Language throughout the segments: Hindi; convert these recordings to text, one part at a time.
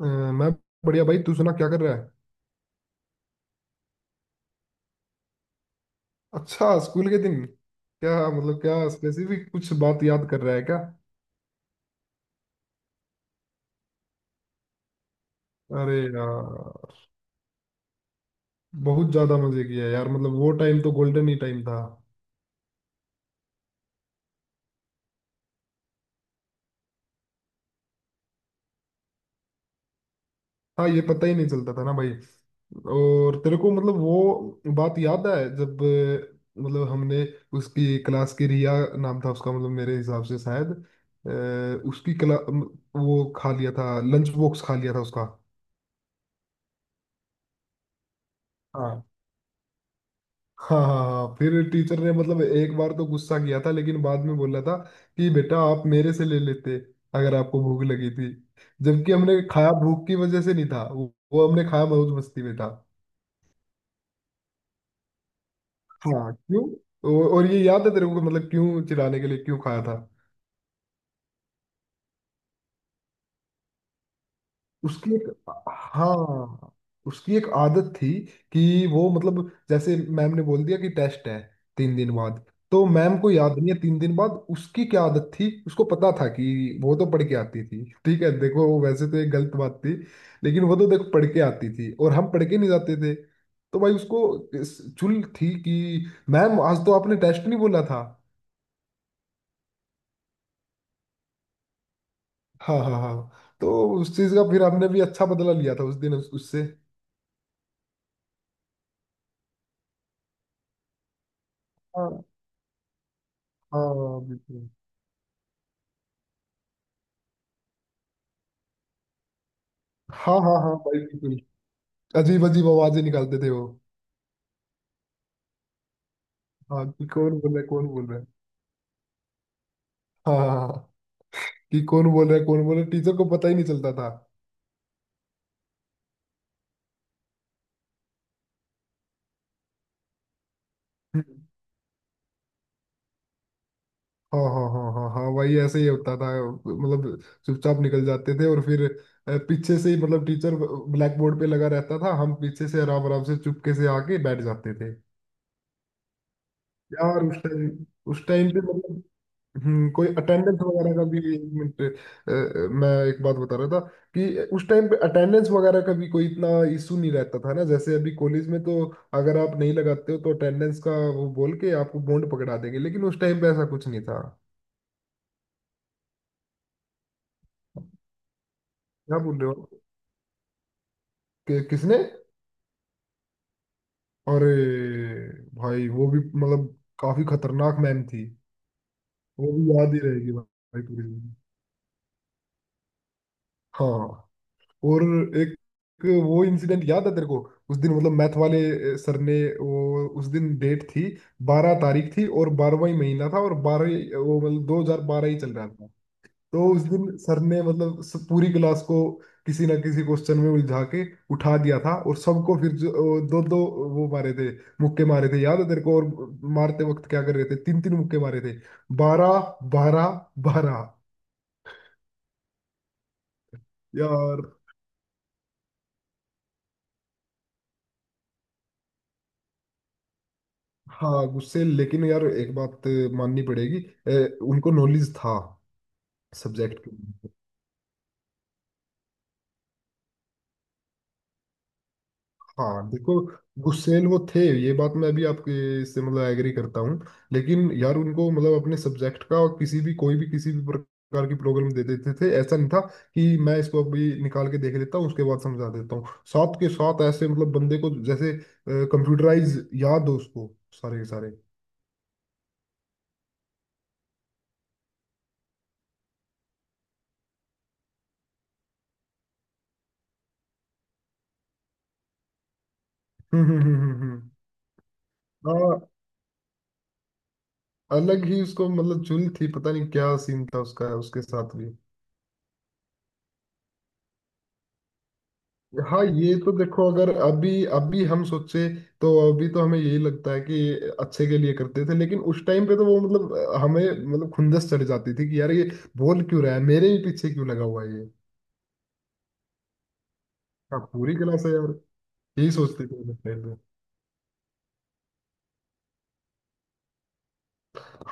अ, मैं बढ़िया भाई। तू सुना, क्या कर रहा है? अच्छा, स्कूल के दिन? क्या? मतलब, क्या स्पेसिफिक कुछ बात याद कर रहा है क्या? अरे यार, बहुत ज्यादा मजे किया यार। मतलब वो टाइम तो गोल्डन ही टाइम था। हाँ, ये पता ही नहीं चलता था ना भाई। और तेरे को मतलब वो बात याद है जब मतलब हमने उसकी क्लास की, रिया नाम था उसका मतलब मेरे हिसाब से शायद, अ, उसकी क्ला वो खा लिया था, लंच बॉक्स खा लिया था उसका। हाँ, हाँ, हाँ, हाँ, हाँ। फिर टीचर ने मतलब एक बार तो गुस्सा किया था लेकिन बाद में बोला था कि बेटा आप मेरे से ले लेते अगर आपको भूख लगी थी। जबकि हमने खाया भूख की वजह से नहीं था, वो हमने खाया मौज मस्ती में था। हाँ, क्यों? और ये याद है तेरे को मतलब क्यों चिढ़ाने के लिए क्यों खाया था? उसकी एक, हाँ, उसकी एक आदत थी कि वो मतलब जैसे मैम ने बोल दिया कि टेस्ट है 3 दिन बाद, तो मैम को याद नहीं है 3 दिन बाद उसकी क्या आदत थी, उसको पता था कि वो तो पढ़ के आती थी। ठीक है, देखो वो वैसे तो एक गलत बात थी लेकिन वो तो देखो पढ़ के आती थी और हम पढ़ के नहीं जाते थे। तो भाई उसको चुल थी कि मैम आज तो आपने टेस्ट नहीं बोला था। हाँ, हाँ, हाँ। तो उस चीज का फिर हमने भी अच्छा बदला लिया था उस दिन उससे। हाँ, हाँ, बिल्कुल। हाँ, हाँ, हाँ भाई, बिल्कुल। अजीब अजीब आवाजें निकालते थे वो। हाँ, कि कौन बोल रहा है कौन बोल रहा है। हाँ, हाँ, हाँ, कि कौन बोल रहा है कौन बोल रहा है, टीचर को पता ही नहीं चलता था। हम्म। हाँ, हाँ, हाँ, हाँ, हाँ, वही ऐसे ही होता था मतलब चुपचाप निकल जाते थे और फिर पीछे से ही, मतलब टीचर ब्लैक बोर्ड पे लगा रहता था, हम पीछे से आराम आराम से चुपके से आके बैठ जाते थे। यार उस टाइम, उस टाइम पे मतलब कोई अटेंडेंस वगैरह का भी। एक मिनट, मैं एक बात बता रहा था कि उस टाइम पे अटेंडेंस वगैरह का भी कोई इतना इशू नहीं रहता था ना जैसे अभी कॉलेज में तो अगर आप नहीं लगाते हो तो अटेंडेंस का वो बोल के आपको बॉन्ड पकड़ा देंगे, लेकिन उस टाइम पे ऐसा कुछ नहीं था। क्या बोल रहे हो? कि, किसने? अरे भाई वो भी मतलब काफी खतरनाक मैम थी। वो भी याद ही रहेगी भाई पूरी जिंदगी। हाँ, और एक वो इंसिडेंट याद है तेरे को? उस दिन मतलब मैथ वाले सर ने, वो उस दिन डेट थी 12 तारीख थी, और 12वां ही महीना था, और 12 वो मतलब 2012 ही चल रहा था। तो उस दिन सर ने मतलब पूरी क्लास को किसी ना किसी क्वेश्चन में उलझा के उठा दिया था, और सबको फिर जो दो दो वो मारे थे, मुक्के मारे थे, याद है तेरे को? और मारते वक्त क्या कर रहे थे? तीन तीन मुक्के मारे थे। 12 12 12 यार हाँ, गुस्से, लेकिन यार एक बात माननी पड़ेगी, उनको नॉलेज था सब्जेक्ट के। हाँ, देखो गुस्सेल वो थे, ये बात मैं भी आपके इससे मतलब एग्री करता हूँ, लेकिन यार उनको मतलब अपने सब्जेक्ट का, और किसी भी, कोई भी, किसी भी प्रकार की प्रॉब्लम दे देते थे ऐसा नहीं था कि मैं इसको अभी निकाल के देख लेता हूँ उसके बाद समझा देता हूँ, साथ के साथ ऐसे मतलब बंदे को जैसे कंप्यूटराइज याद हो उसको सारे के सारे। हम्म, हम्म, हम्म, हम्म, हाँ, अलग ही उसको मतलब चुल थी, पता नहीं क्या सीन था उसका उसके साथ भी। हाँ, ये तो देखो अगर अभी, अभी हम सोचे तो अभी तो हमें यही लगता है कि अच्छे के लिए करते थे, लेकिन उस टाइम पे तो वो मतलब हमें मतलब खुंदस चढ़ जाती थी कि यार ये बोल क्यों रहा है, मेरे ही पीछे क्यों लगा हुआ है ये? हाँ, पूरी क्लास है यार। यही सोचते थे उस time पे।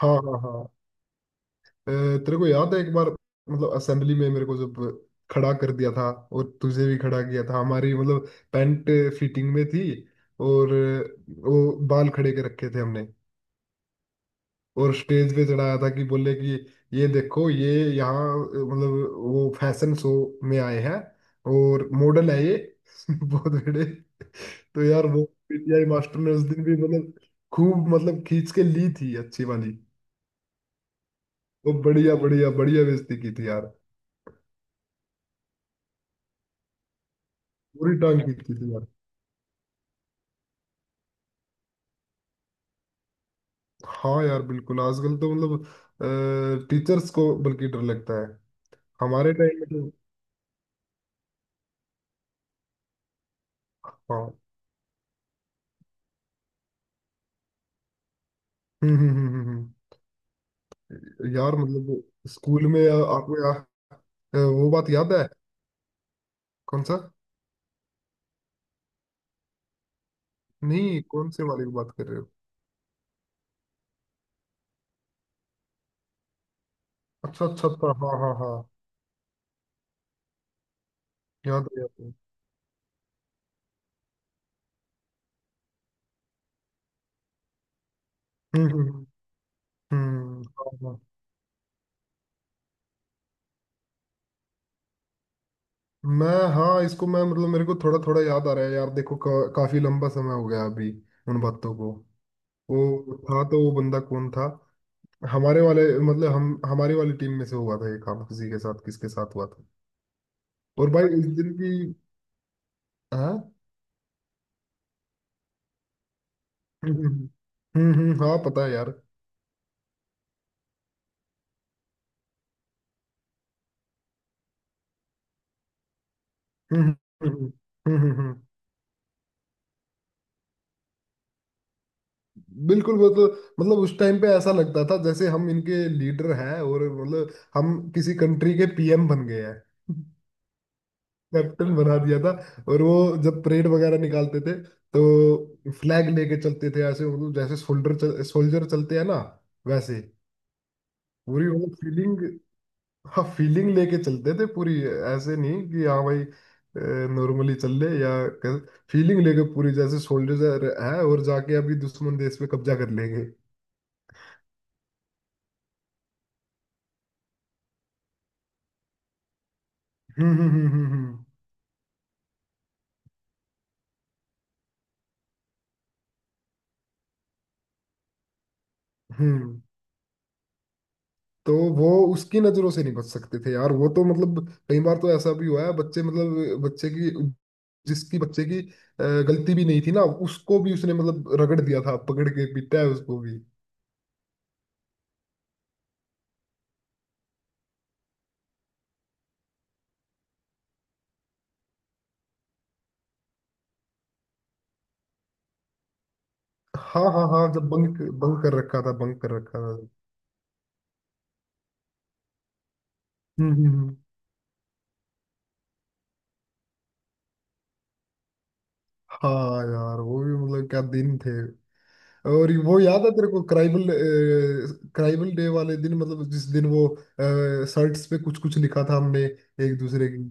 हाँ, हाँ, हाँ, अ, तेरे को याद है एक बार मतलब असेंबली में मेरे को जब खड़ा कर दिया था और तुझे भी खड़ा किया था? हमारी मतलब पैंट फिटिंग में थी और वो बाल खड़े के रखे थे हमने, और स्टेज पे चढ़ाया था कि बोले कि ये देखो, ये यहाँ मतलब वो फैशन शो में आए हैं और मॉडल है ये बहुत बड़े। तो यार वो पीटीआई मास्टर ने उस दिन भी मतलब खूब मतलब खींच के ली थी अच्छी वाली। वो बढ़िया बढ़िया बढ़िया बेइज्जती की थी यार। पूरी टांग खींची थी यार। हाँ यार बिल्कुल, आजकल तो मतलब टीचर्स को बल्कि डर लगता है। हमारे टाइम में तो हाँ हम्म, हम्म, हम्म, यार मतलब स्कूल में आपको या, वो बात याद है? कौन सा? नहीं, कौन से वाले की बात कर रहे हो? अच्छा, अच्छा, अच्छा, हाँ, हाँ, हाँ। याद है, याद है। हम्म, हम्म, हम्म, हाँ, हाँ। मैं, हाँ, इसको मैं मतलब मेरे को थोड़ा थोड़ा याद आ रहा है यार, देखो का, काफी लंबा समय हो गया अभी उन बातों को। वो था तो वो बंदा कौन था? हमारे वाले मतलब हम हमारी वाली टीम में से हुआ था ये काम किसी के साथ, किसके साथ हुआ था? और भाई इस दिन की, हाँ। हम्म, हम्म, हाँ, पता है यार। हम्म, हम्म, हम्म, बिल्कुल, वो तो मतलब उस टाइम पे ऐसा लगता था जैसे हम इनके लीडर हैं, और मतलब हम किसी कंट्री के पीएम बन गए हैं। कैप्टन बना दिया था, और वो जब परेड वगैरह निकालते थे तो फ्लैग लेके चलते थे ऐसे मतलब जैसे सोल्जर चलते हैं ना वैसे। पूरी वो फीलिंग, हाँ फीलिंग लेके चलते थे पूरी। ऐसे नहीं कि हाँ भाई नॉर्मली चल ले, या फीलिंग लेके पूरी जैसे सोल्जर है, और जाके अभी दुश्मन देश पे कब्जा कर लेंगे। हम्म, हम्म, हम्म, हम्म, हम्म, तो वो उसकी नजरों से नहीं बच सकते थे यार, वो तो मतलब कई बार तो ऐसा भी हुआ है बच्चे मतलब बच्चे की, जिसकी बच्चे की गलती भी नहीं थी ना, उसको भी उसने मतलब रगड़ दिया था, पकड़ के पीटा है उसको भी। हाँ, हाँ, हाँ, जब बंक, बंक कर रखा था, बंक कर रखा था। हम्म, हम्म, हाँ यार, वो भी मतलब क्या दिन थे। और ये वो याद है तेरे को, क्राइबल, क्राइबल डे वाले दिन मतलब जिस दिन वो शर्ट्स पे कुछ कुछ लिखा था हमने एक दूसरे की।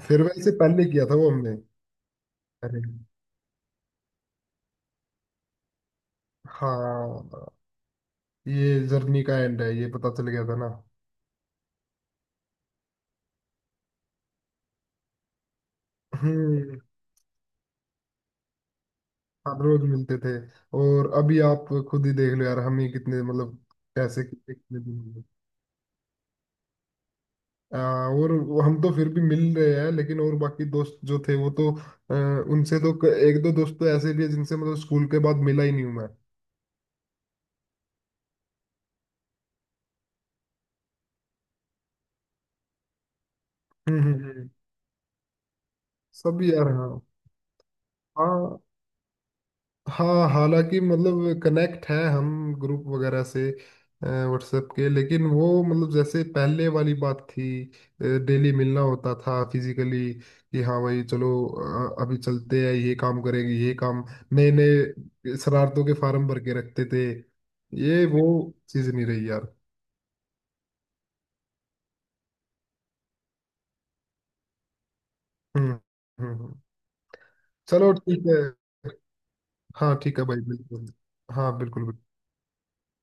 फेयरवेल से पहले किया था वो हमने। अरे हाँ, ये जर्नी का एंड है, ये पता चल गया था ना। हम्म, हर रोज मिलते थे, और अभी आप खुद ही देख लो यार, हम ही कितने मतलब कैसे, कितने कितने दिन हो गए। हाँ, और हम तो फिर भी मिल रहे हैं, लेकिन और बाकी दोस्त जो थे वो तो अ, उनसे तो एक दो दोस्त तो ऐसे भी है जिनसे मतलब स्कूल के बाद मिला ही नहीं हूं मैं। हम्म, हम्म, सब यार, हाँ। हाँ, हाँ, हालांकि मतलब कनेक्ट है हम ग्रुप वगैरह से, व्हाट्सएप के, लेकिन वो मतलब जैसे पहले वाली बात थी डेली मिलना होता था फिजिकली, कि हाँ भाई चलो अभी चलते हैं, ये काम करेंगे, ये काम। नए नए शरारतों के फार्म भर के रखते थे। ये वो चीज़ नहीं रही यार। हम्म, हम्म, चलो ठीक है, हाँ ठीक है भाई, बिल्कुल। हाँ, बिल्कुल, बिल्कुल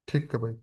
ठीक है भाई।